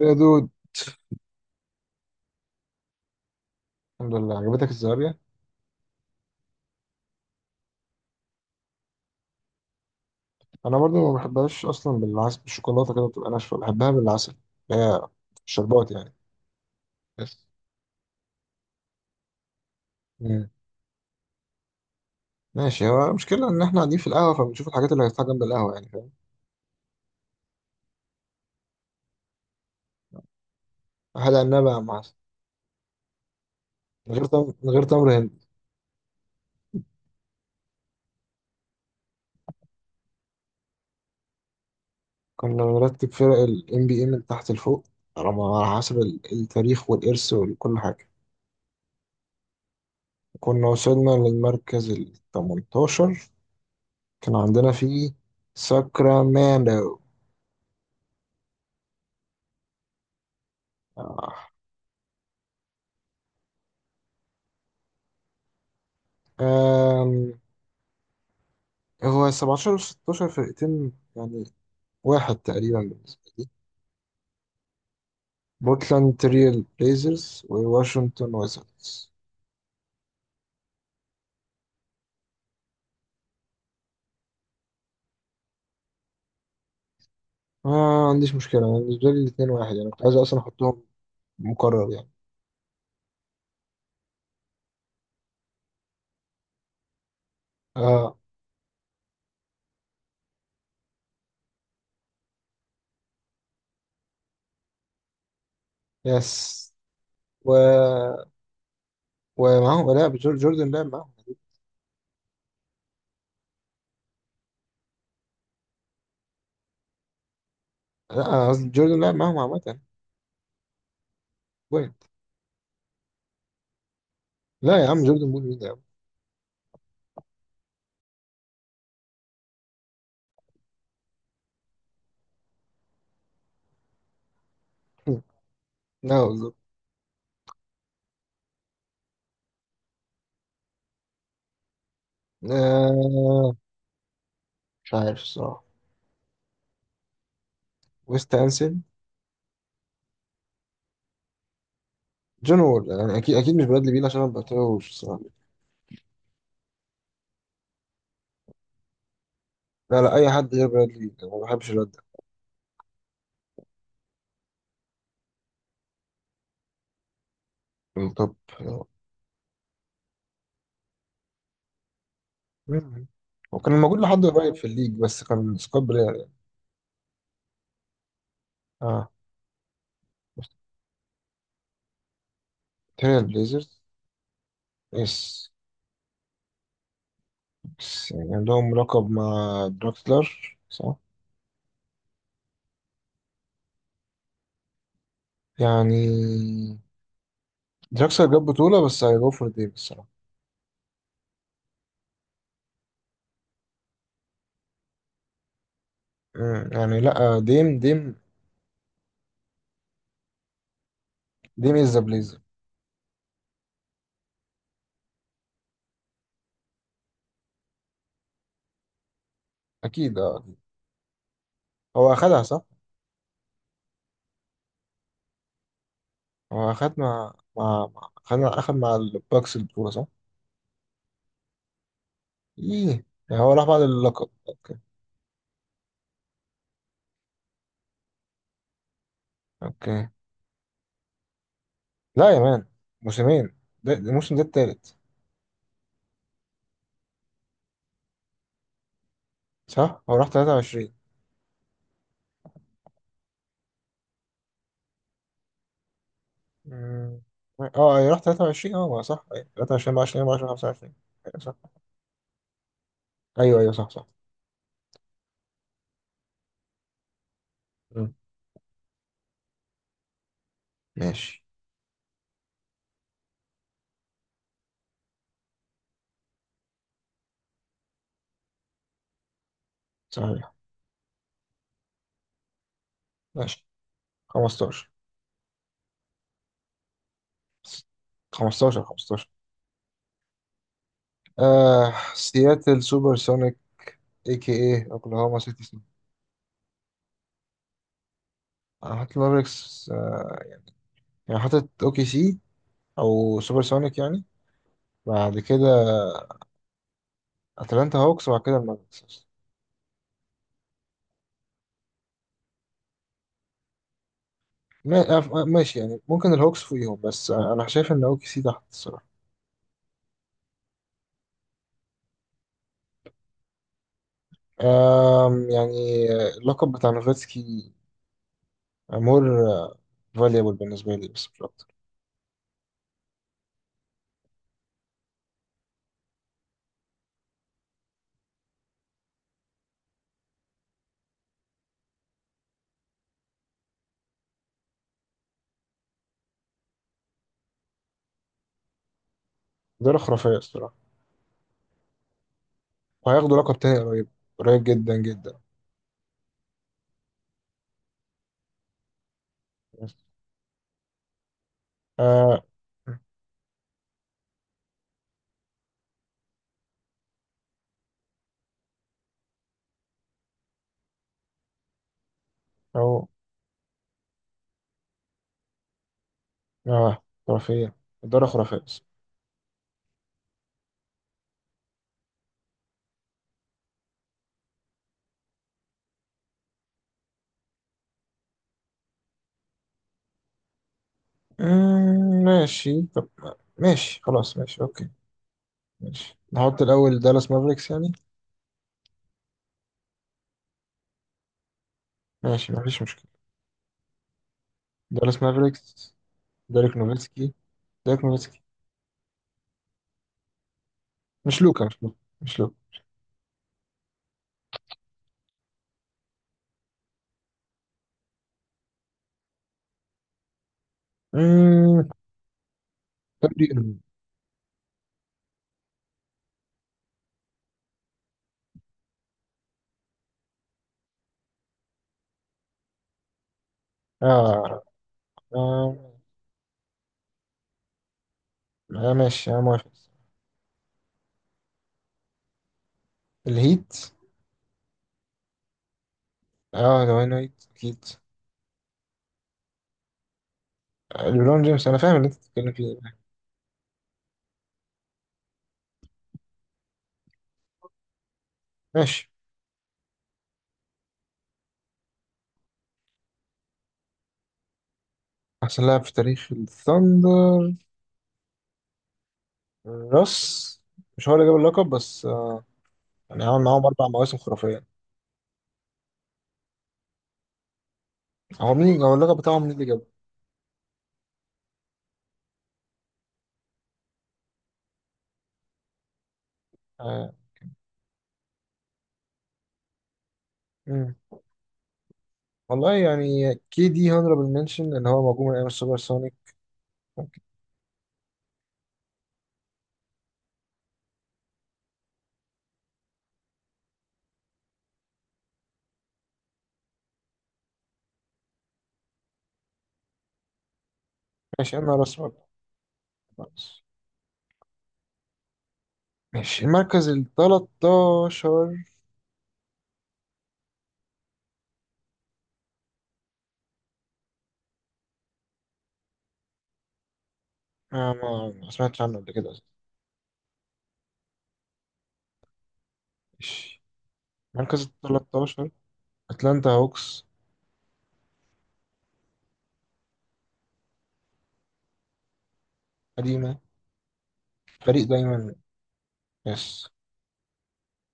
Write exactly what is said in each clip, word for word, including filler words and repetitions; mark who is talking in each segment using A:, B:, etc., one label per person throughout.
A: يا دود، الحمد لله عجبتك الزهرية. انا برضو ما بحبهاش اصلا، بالعسل بالشوكولاته كده بتبقى ناشفه، بحبها بالعسل اللي هي الشربات يعني بس. مم. ماشي، هو المشكله ان احنا قاعدين في القهوه فبنشوف الحاجات اللي هتتحط جنب القهوه، يعني فاهم. حاجه عنبه مع عسل، من غير تمر، من غير تمر هندي. كنا بنرتب فرق الام بي اي من تحت لفوق، على على حسب ال- التاريخ والارث وكل حاجه. كنا وصلنا للمركز ال تمنتاشر، كان عندنا فيه ساكرامento. آه. هو سبعة عشر و ستة عشر فرقتين يعني واحد تقريبا بالنسبة لي، بورتلاند تريل بليزرز وواشنطن ويزاردز. ما عنديش مشكلة، أنا بالنسبة لي الاتنين واحد يعني، كنت عايز أصلا أحطهم مكرر يعني. آه. يس. و... ومعاهم، لا، جور- جوردن لعب معاهم. لا، قصدي جوردن لعب معاهم عامة. وين؟ لا يا عم، جوردن بول مين يا عم. لا بالظبط. آه، مش عارف الصراحة. ويست أنسن. جون وول يعني، أكيد أكيد مش برادلي بيل عشان أنا ما بتابعوش. لا لا، أي حد غير برادلي بيل، أنا ما بحبش الواد ده. من توب. مم. هو كان موجود لحد قريب في الليج، بس كان سكوت بلاير يعني. اه. تاني البليزرز. يس. بس يعني عندهم لقب مع دراكسلر، صح؟ يعني دراكسلر جاب بطولة، بس هيجو فور ديم الصراحة. مم، يعني لا، ديم ديم. ديم از ذا بليزر. أكيد، اه. هو أخدها صح. هو أخد مع مع مع- أخد مع أخد مع الباكس البطولة، صح؟ إيه يعني، هو راح بعد اللقب، أوكي. أوكي. لا يا مان، موسمين، ده ده الموسم ده التالت. صح، هو راح تلاتة وعشرين. مم. اه ايوه، راح تلاتة وعشرين، اه ما صح، ايوه تلاتة وعشرين اربعة وعشرين اربعة وعشرين خمسة وعشرين. ايوه صح. ايوه ايوه صح صح. مم. ماشي. صحيح. ماشي. خمستاشر خمستاشر خمستاشر. آه، سياتل سوبر سونيك، اي كي اي اوكلاهوما سيتي سونيك. انا حاطط مافريكس، آه. يعني حاطط اوكي سي او سوبر سونيك يعني. بعد كده اتلانتا هوكس، وبعد كده المافريكس. ما- أف- ماشي يعني، ممكن الهوكس فوقيهم، بس أه، انا شايف ان اوكي سي تحت الصراحه. أم، يعني أه، اللقب بتاع نوفاتسكي مور فاليبل بالنسبه لي، بس مش اكتر. ده خرافيه الصراحه، وهياخدوا لقب تاني قريب. قريب جدا جدا. أه. او. اه خرافيه. الدورة خرافيه بس. أمم، ماشي طب. ماشي خلاص، ماشي اوكي. ماشي نحط الاول دالاس مافريكس يعني. ماشي مفيش مشكله. دالاس مافريكس. ديريك نوفيتسكي. ديريك نوفيتسكي. مش لوكا مش لوكا مش لوكا. امم. اه. آه، آه، ماشي انا موافق. الهيت. اه دواين وايت اكيد. آه، ليبرون جيمس، انا فاهم اللي انت بتتكلم فيه. ماشي. احسن لاعب في تاريخ الثاندر، راس. مش هو اللي جاب اللقب بس، آه، يعني عمل معاهم اربع مواسم خرافيه. هو مين هو اللقب بتاعهم مين اللي جابه؟ آه. مم. والله يعني، كي دي هانربل منشن ان هو موجود من ايام السوبر سونيك. ماشي، انا راس برضه. ماشي، المركز ال تلتاشر. آه، ما ما سمعتش عنه قبل كده أصلاً. ماشي، مركز ال تلتاشر أتلانتا هوكس. قديمة. فريق دايما. يس.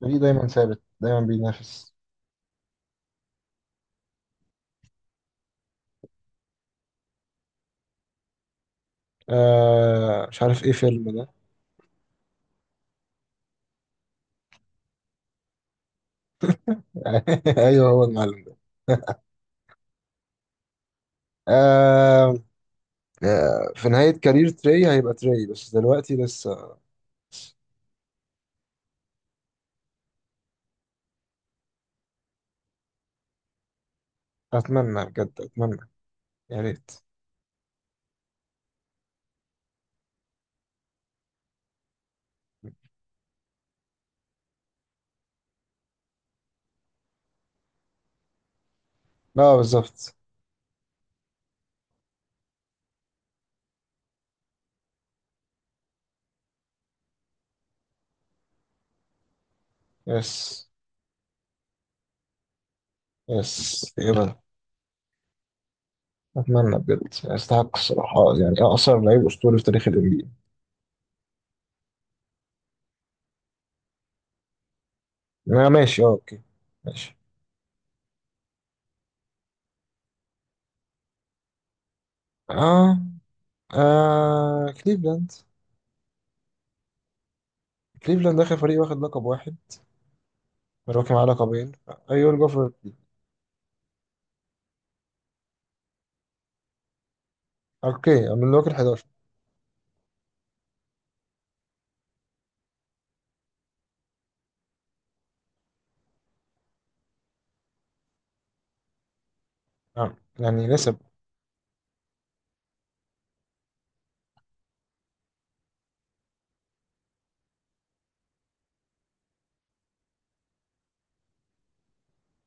A: فريق دايما ثابت، دايما بينافس. آه، مش عارف ايه فيلم ده. ايوه، هو المعلم ده. آه. آه، في نهاية كارير تري هيبقى تري، بس دلوقتي لسه. أتمنى بجد، أتمنى. يا ريت. لا، بالظبط. يس. يس، يبقى. أتمنى بجد، يستحق الصراحة يعني، أقصر لعيب أسطوري في تاريخ ال ان بي ايه. آه، ماشي، اه اوكي. ماشي. اه, آه كليفلاند. كليفلاند اخر فريق واخد لقب واحد، ملواكي معاه لقبين. ايول جوفر. اوكي، ملواكي ال حداشر. آه. يعني لسه.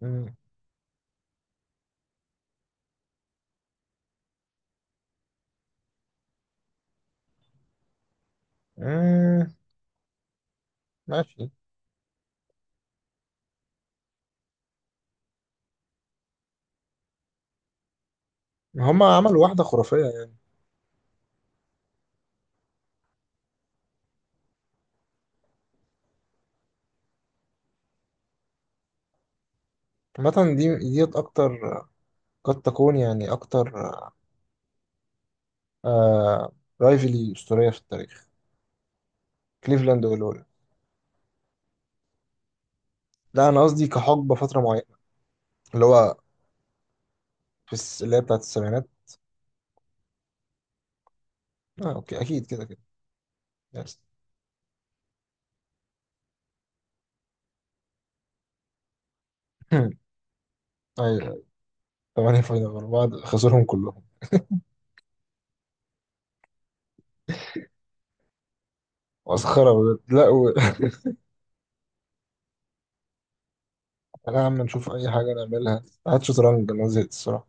A: مم. مم. ماشي. هما عملوا واحدة خرافية يعني. عامة دي ديت أكتر، قد تكون يعني أكتر آه رايفلي أسطورية في التاريخ. كليفلاند والولا. لا، أنا قصدي كحقبة فترة معينة، اللي هو في الس... اللي هي بتاعت السبعينات. آه أوكي، أكيد كده كده. يس. أيوه. ثمانية فاينل ورا بعض خسرهم كلهم. مسخرة بجد. لا و... تعالى يا عم نشوف أي حاجة نعملها، هات شطرنج، أنا زهقت الصراحة.